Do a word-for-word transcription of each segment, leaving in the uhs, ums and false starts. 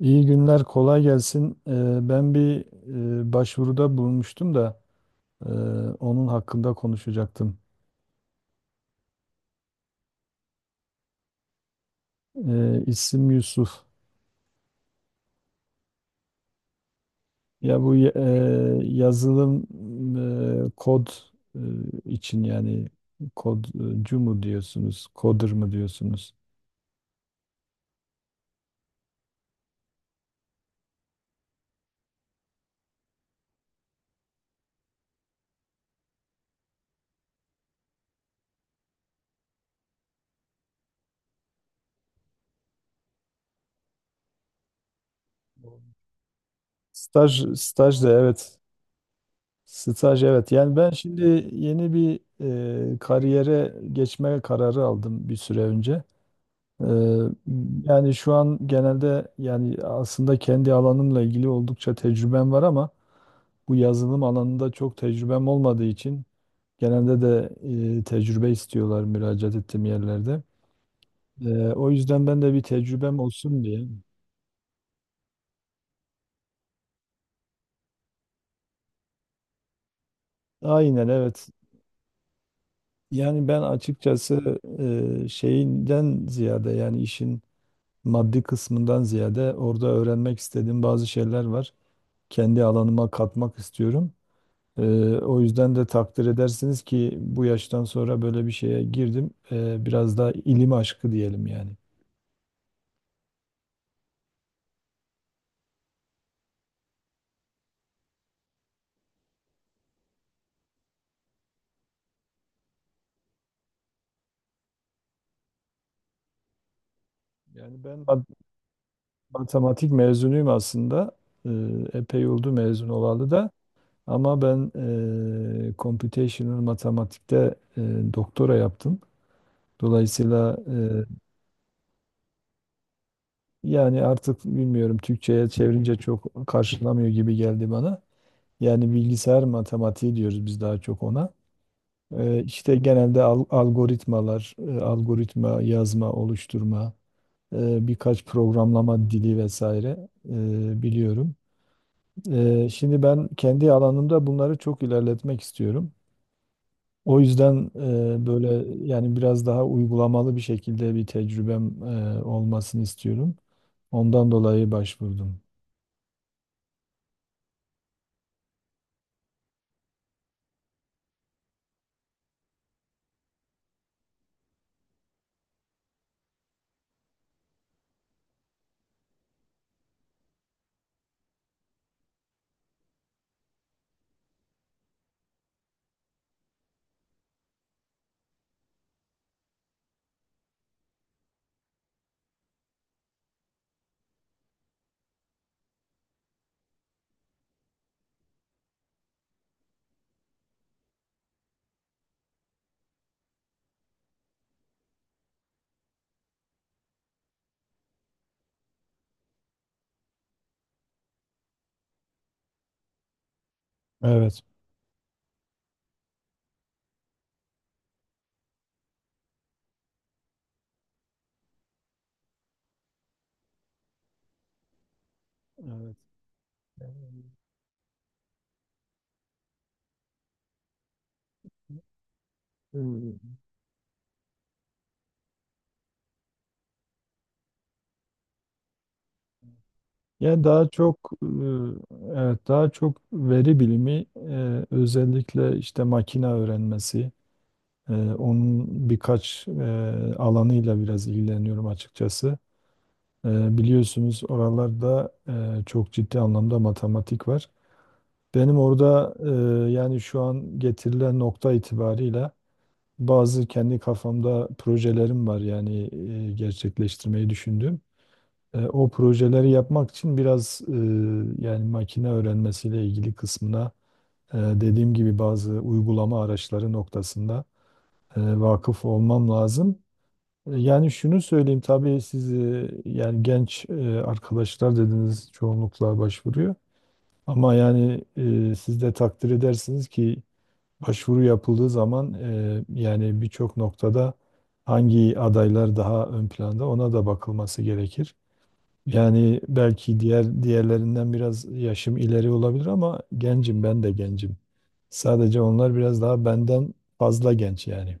İyi günler, kolay gelsin. Ee, Ben bir e, başvuruda bulunmuştum da e, onun hakkında konuşacaktım. Ee, İsim Yusuf. Ya bu e, yazılım e, kod e, için yani kodcu mu diyorsunuz, coder mı diyorsunuz? Staj, staj da evet. Staj evet. Yani ben şimdi yeni bir e, kariyere geçme kararı aldım bir süre önce. Ee, Yani şu an genelde yani aslında kendi alanımla ilgili oldukça tecrübem var ama bu yazılım alanında çok tecrübem olmadığı için genelde de e, tecrübe istiyorlar müracaat ettiğim yerlerde. Ee, o yüzden ben de bir tecrübem olsun diye. Aynen evet. Yani ben açıkçası e, şeyinden ziyade yani işin maddi kısmından ziyade orada öğrenmek istediğim bazı şeyler var. Kendi alanıma katmak istiyorum. Ee, O yüzden de takdir edersiniz ki bu yaştan sonra böyle bir şeye girdim. Ee, biraz daha ilim aşkı diyelim yani. Yani ben mat- matematik mezunuyum aslında. Ee, Epey oldu mezun olalı da. Ama ben eee computational matematikte eee, doktora yaptım. Dolayısıyla eee, yani artık bilmiyorum Türkçe'ye çevirince çok karşılamıyor gibi geldi bana. Yani bilgisayar matematiği diyoruz biz daha çok ona. Eee işte genelde al- algoritmalar, eee, algoritma yazma, oluşturma, eee, birkaç programlama dili vesaire eee, biliyorum. Eee, şimdi ben kendi alanımda bunları çok ilerletmek istiyorum. O yüzden e, böyle yani biraz daha uygulamalı bir şekilde bir tecrübem e, olmasını istiyorum. Ondan dolayı başvurdum. Evet. Evet. Ee, Yani daha çok e, evet daha çok veri bilimi, e, özellikle işte makine öğrenmesi, e, onun birkaç e, alanıyla biraz ilgileniyorum açıkçası. E, Biliyorsunuz oralarda e, çok ciddi anlamda matematik var. Benim orada e, yani şu an getirilen nokta itibariyle bazı kendi kafamda projelerim var yani e, gerçekleştirmeyi düşündüğüm. E, o projeleri yapmak için biraz e, yani makine öğrenmesiyle ilgili kısmına e, dediğim gibi bazı uygulama araçları noktasında e, vakıf olmam lazım. E, Yani şunu söyleyeyim tabii siz e, yani genç e, arkadaşlar dediniz çoğunlukla başvuruyor. Ama yani e, siz de takdir edersiniz ki başvuru yapıldığı zaman e, yani birçok noktada hangi adaylar daha ön planda ona da bakılması gerekir. Yani belki diğer diğerlerinden biraz yaşım ileri olabilir ama gencim ben de gencim. Sadece onlar biraz daha benden fazla genç yani.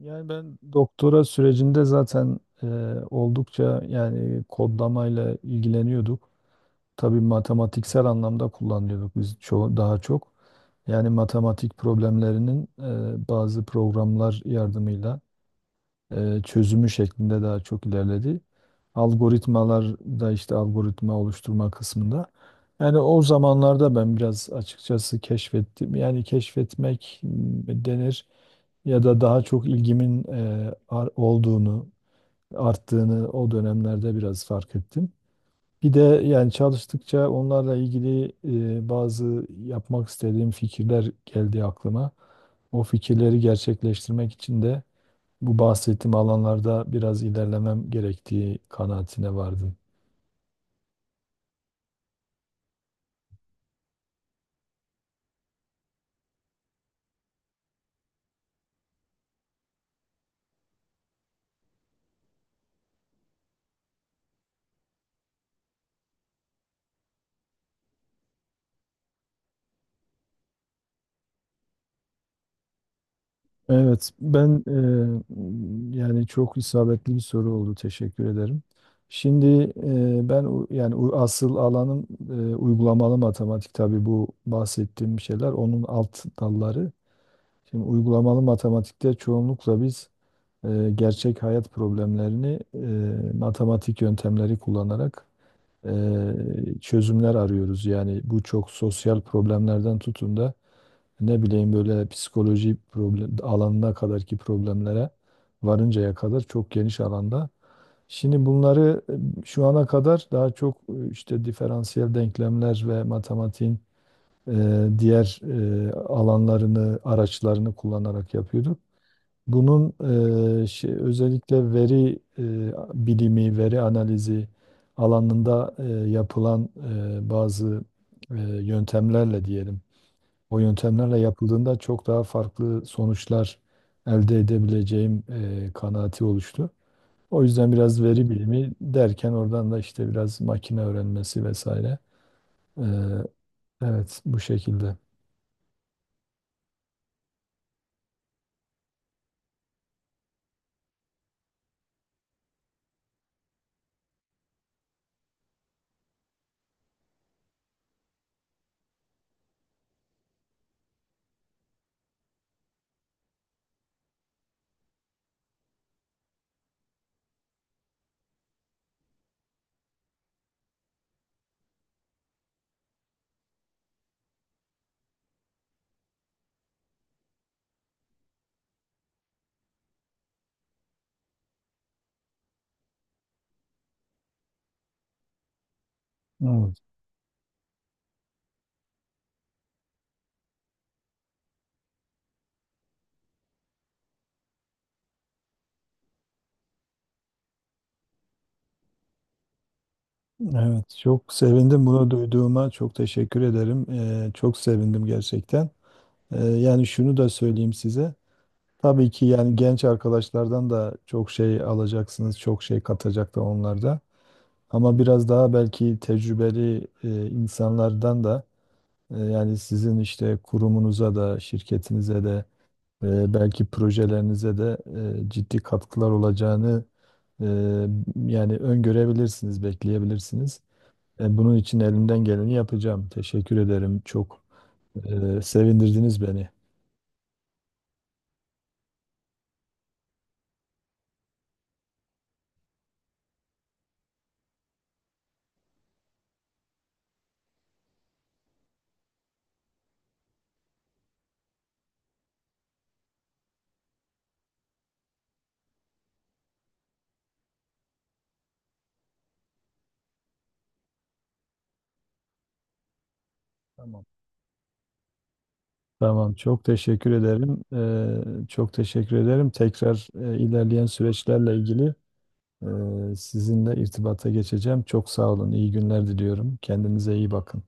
Yani ben doktora sürecinde zaten e, oldukça yani kodlamayla ilgileniyorduk. Tabii matematiksel anlamda kullanıyorduk biz çoğu daha çok. Yani matematik problemlerinin e, bazı programlar yardımıyla e, çözümü şeklinde daha çok ilerledi. Algoritmalar da işte algoritma oluşturma kısmında. Yani o zamanlarda ben biraz açıkçası keşfettim. Yani keşfetmek m, denir ya da daha çok ilgimin e, ar- olduğunu, arttığını o dönemlerde biraz fark ettim. Bir de yani çalıştıkça onlarla ilgili e, bazı yapmak istediğim fikirler geldi aklıma. O fikirleri gerçekleştirmek için de bu bahsettiğim alanlarda biraz ilerlemem gerektiği kanaatine vardım. Evet, ben e, yani çok isabetli bir soru oldu. Teşekkür ederim. Şimdi e, ben u- yani u- asıl alanım e, uygulamalı matematik. Tabii bu bahsettiğim şeyler onun alt dalları. Şimdi uygulamalı matematikte çoğunlukla biz e, gerçek hayat problemlerini e, matematik yöntemleri kullanarak e, çözümler arıyoruz. Yani bu çok sosyal problemlerden tutun da ne bileyim böyle psikoloji problem, alanına kadarki problemlere varıncaya kadar çok geniş alanda. Şimdi bunları e, şu ana kadar daha çok e, işte diferansiyel denklemler ve matematiğin e, diğer e, alanlarını, araçlarını kullanarak yapıyorduk. Bunun e, şey, özellikle veri e, bilimi, veri analizi alanında e, yapılan e, bazı e, yöntemlerle diyelim o yöntemlerle yapıldığında çok daha farklı sonuçlar elde edebileceğim e, kanaati oluştu. O yüzden biraz veri bilimi derken oradan da işte biraz makine öğrenmesi vesaire. E, evet, bu şekilde. Evet, evet. Çok sevindim bunu duyduğuma. Çok teşekkür ederim. E, çok sevindim gerçekten. E, yani şunu da söyleyeyim size. Tabii ki yani genç arkadaşlardan da çok şey alacaksınız, çok şey katacak da onlar da. Ama biraz daha belki tecrübeli e, insanlardan da e, yani sizin işte kurumunuza da şirketinize de e, belki projelerinize de e, ciddi katkılar olacağını e, yani öngörebilirsiniz, bekleyebilirsiniz. E, bunun için elimden geleni yapacağım. Teşekkür ederim. Çok e, sevindirdiniz beni. Tamam. Tamam, çok teşekkür ederim. E, çok teşekkür ederim. Tekrar e, ilerleyen süreçlerle ilgili Ee, sizinle irtibata geçeceğim. Çok sağ olun. İyi günler diliyorum. Kendinize iyi bakın.